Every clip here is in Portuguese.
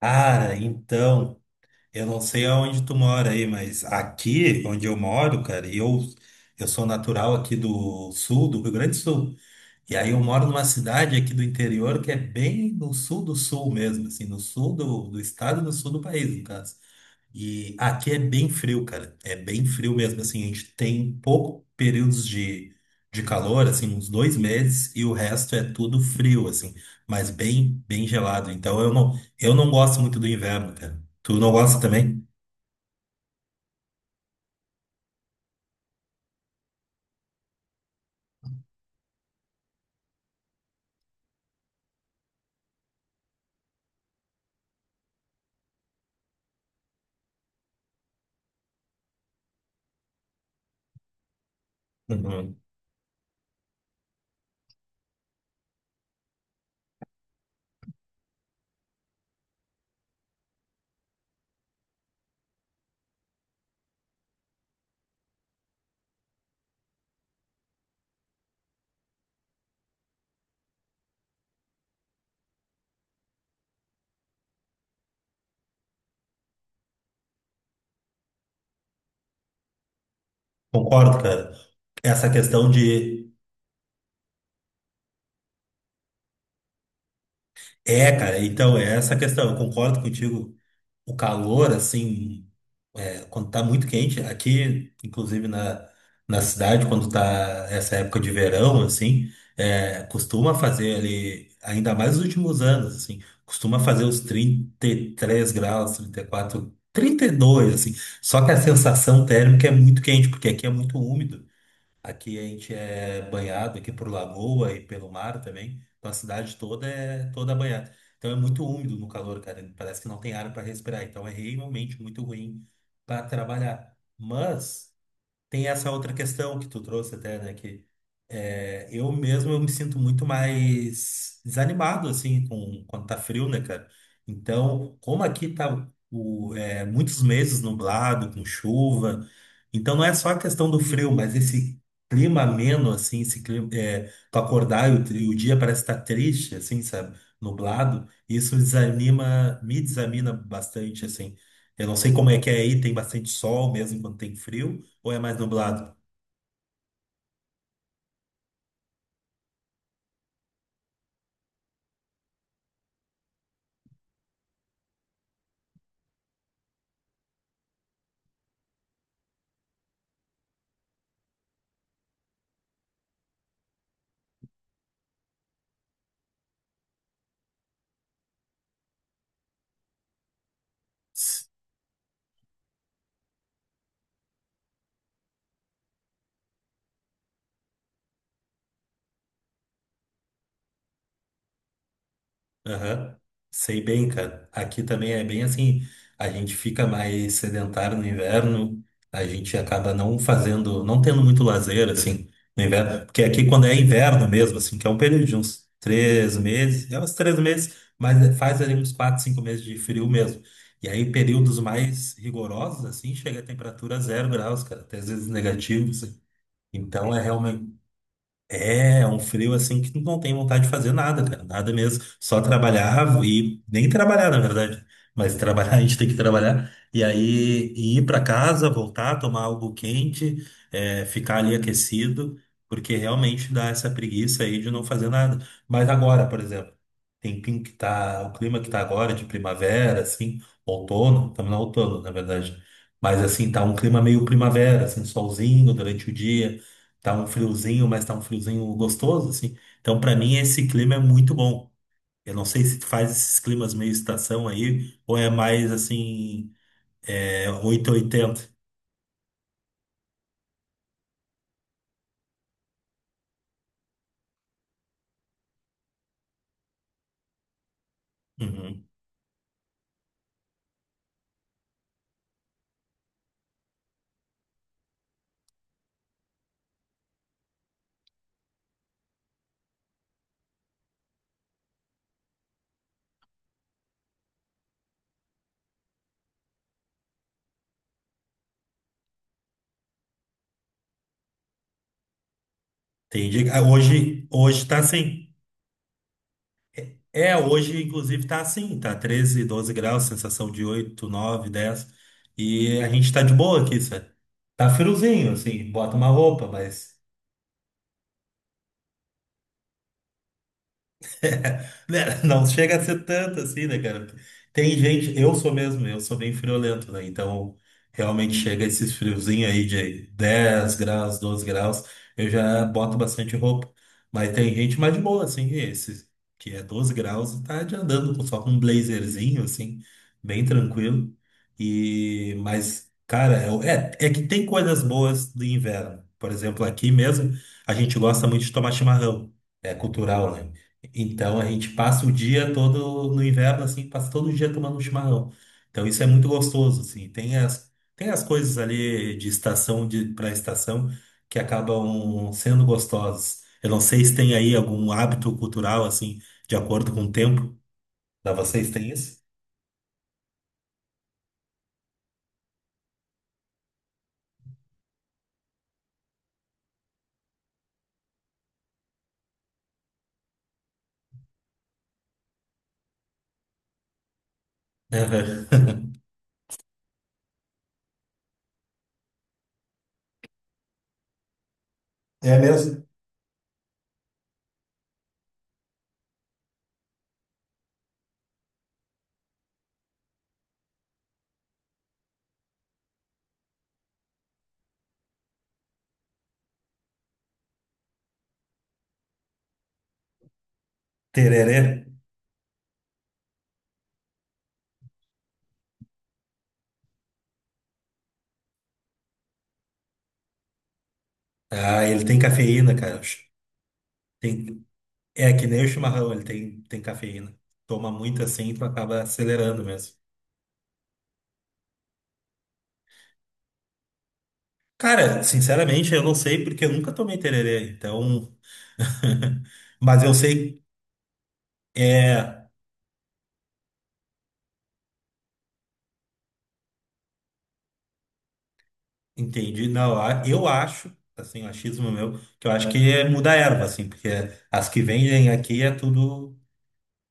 Cara, então, eu não sei aonde tu mora aí, mas aqui onde eu moro, cara, eu sou natural aqui do sul, do Rio Grande do Sul. E aí eu moro numa cidade aqui do interior que é bem no sul do sul mesmo, assim, no sul do estado e no sul do país, no caso. E aqui é bem frio, cara. É bem frio mesmo, assim. A gente tem pouco períodos de calor, assim, uns dois meses, e o resto é tudo frio, assim, mas bem, bem gelado. Então eu não gosto muito do inverno, cara. Tu não gosta também? Uhum. Concordo, cara. Essa questão de. É, cara, então é essa questão. Eu concordo contigo. O calor, assim. É, quando tá muito quente, aqui, inclusive na cidade, quando tá essa época de verão, assim, costuma fazer ali, ainda mais nos últimos anos, assim, costuma fazer os 33 graus, 34, dois assim. Só que a sensação térmica é muito quente, porque aqui é muito úmido. Aqui a gente é banhado aqui por lagoa e pelo mar também. Então a cidade toda é toda banhada. Então é muito úmido no calor, cara. Parece que não tem ar para respirar. Então é realmente muito ruim para trabalhar. Mas tem essa outra questão que tu trouxe até, né? Que é, eu mesmo eu me sinto muito mais desanimado, assim, quando tá frio, né, cara? Então, como aqui tá muitos meses nublado, com chuva, então não é só a questão do frio, mas esse clima ameno, assim, esse clima, tu acordar e o dia parece estar triste, assim, sabe? Nublado, isso desanima, me desanima bastante, assim. Eu não sei como é que é aí, tem bastante sol mesmo quando tem frio, ou é mais nublado? Ts- Aham. Sei bem, cara. Aqui também é bem assim. A gente fica mais sedentário no inverno, a gente acaba não fazendo, não tendo muito lazer, assim, no inverno. Porque aqui, quando é inverno mesmo, assim, que é um período de uns três meses, é uns três meses, mas é, faz ali uns quatro, cinco meses de frio mesmo. E aí, períodos mais rigorosos, assim, chega a temperatura 0 graus, cara, até às vezes negativos, assim. Então, é realmente. É um frio assim que tu não tem vontade de fazer nada, cara, nada mesmo. Só trabalhar e nem trabalhar, na verdade. Mas trabalhar, a gente tem que trabalhar. E ir para casa, voltar, tomar algo quente, ficar ali aquecido, porque realmente dá essa preguiça aí de não fazer nada. Mas agora, por exemplo, tempinho que tá, o clima que tá agora, de primavera, assim, outono, estamos no outono, na verdade. Mas assim, tá um clima meio primavera, assim, solzinho durante o dia. Tá um friozinho, mas tá um friozinho gostoso, assim. Então, pra mim, esse clima é muito bom. Eu não sei se tu faz esses climas meio estação aí, ou é mais assim, é 880. Uhum. Entendi. Ah, Hoje tá assim. É, hoje, inclusive, tá assim, tá 13, 12 graus, sensação de 8, 9, 10. E a gente tá de boa aqui, sabe? Tá friozinho, assim, bota uma roupa, mas. Né, não chega a ser tanto assim, né, cara? Tem gente, eu sou mesmo, eu sou bem friolento, né? Então, realmente chega esses friozinhos aí de 10 graus, 12 graus, eu já boto bastante roupa. Mas tem gente mais de boa, assim, esse, que é 12 graus e tá de andando com- só com um blazerzinho, assim, bem tranquilo. E, mas, cara, é que tem coisas boas do inverno. Por exemplo, aqui mesmo, a gente gosta muito de tomar chimarrão. É cultural, né? Então a gente passa o dia todo no inverno, assim, passa todo dia tomando um chimarrão. Então isso é muito gostoso, assim. Tem as coisas ali de estação para estação que acabam sendo gostosas. Eu não sei se tem aí algum hábito cultural, assim, de acordo com o tempo. Da vocês tem isso? Aham. É mesmo? Tererê. Ah, ele tem cafeína, cara. Tem, é que nem o chimarrão, ele tem, tem cafeína. Toma muito assim, tu acaba acelerando mesmo. Cara, sinceramente, eu não sei porque eu nunca tomei tererê, então. Mas eu sei, é. Entendi, não. Eu acho, assim, o achismo meu, que eu acho que é muda a erva, assim, porque as que vendem aqui é tudo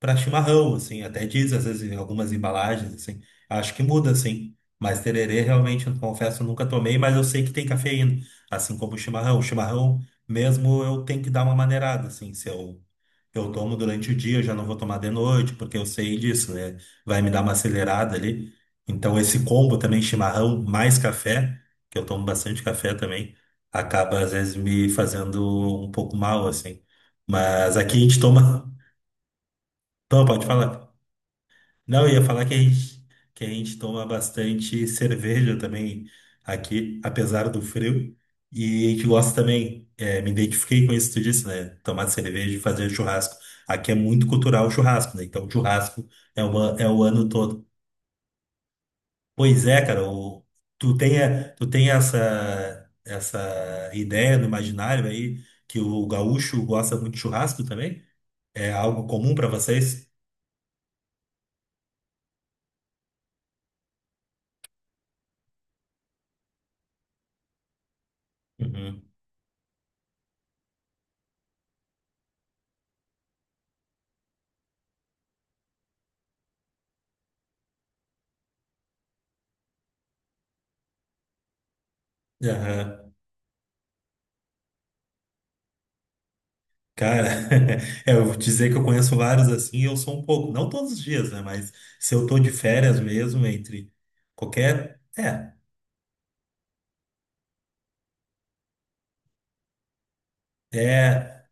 pra chimarrão, assim, até diz, às vezes, em algumas embalagens, assim. Acho que muda, assim. Mas tererê, realmente, eu confesso, eu nunca tomei, mas eu sei que tem cafeína, assim como o chimarrão. O chimarrão, mesmo, eu tenho que dar uma maneirada, assim, se eu. Eu tomo durante o dia, eu já não vou tomar de noite, porque eu sei disso, né? Vai me dar uma acelerada ali. Então, esse combo também, chimarrão mais café, que eu tomo bastante café também, acaba às vezes me fazendo um pouco mal, assim. Mas aqui a gente toma. Não, pode falar. Não, eu ia falar que que a gente toma bastante cerveja também aqui, apesar do frio. E a gente gosta também, me identifiquei com isso que tu disse, né? Tomar cerveja e fazer churrasco. Aqui é muito cultural o churrasco, né? Então, o churrasco é, uma, é o ano todo. Pois é, cara, tu tem essa, ideia no imaginário aí que o gaúcho gosta muito de churrasco também? É algo comum para vocês? Uhum. Aham. Cara, eu vou dizer que eu conheço vários assim, eu sou um pouco, não todos os dias, né? Mas se eu tô de férias mesmo, entre qualquer. É,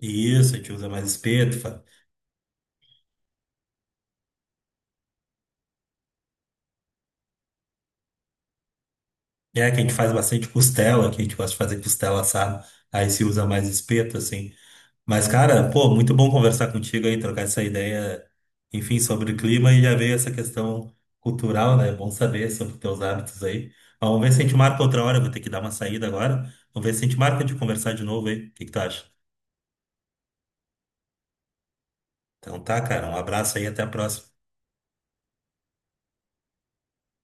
isso, a gente usa mais espeto. É, que a gente faz bastante costela, que a gente gosta de fazer costela assada, aí se usa mais espeto, assim. Mas, cara, pô, muito bom conversar contigo aí, trocar essa ideia, enfim, sobre o clima e já veio essa questão cultural, né? É bom saber sobre teus hábitos aí. Mas vamos ver se a gente marca outra hora, eu vou ter que dar uma saída agora. Vamos ver se a gente marca de conversar de novo aí. O que que tu acha? Então tá, cara, um abraço aí, até a próxima.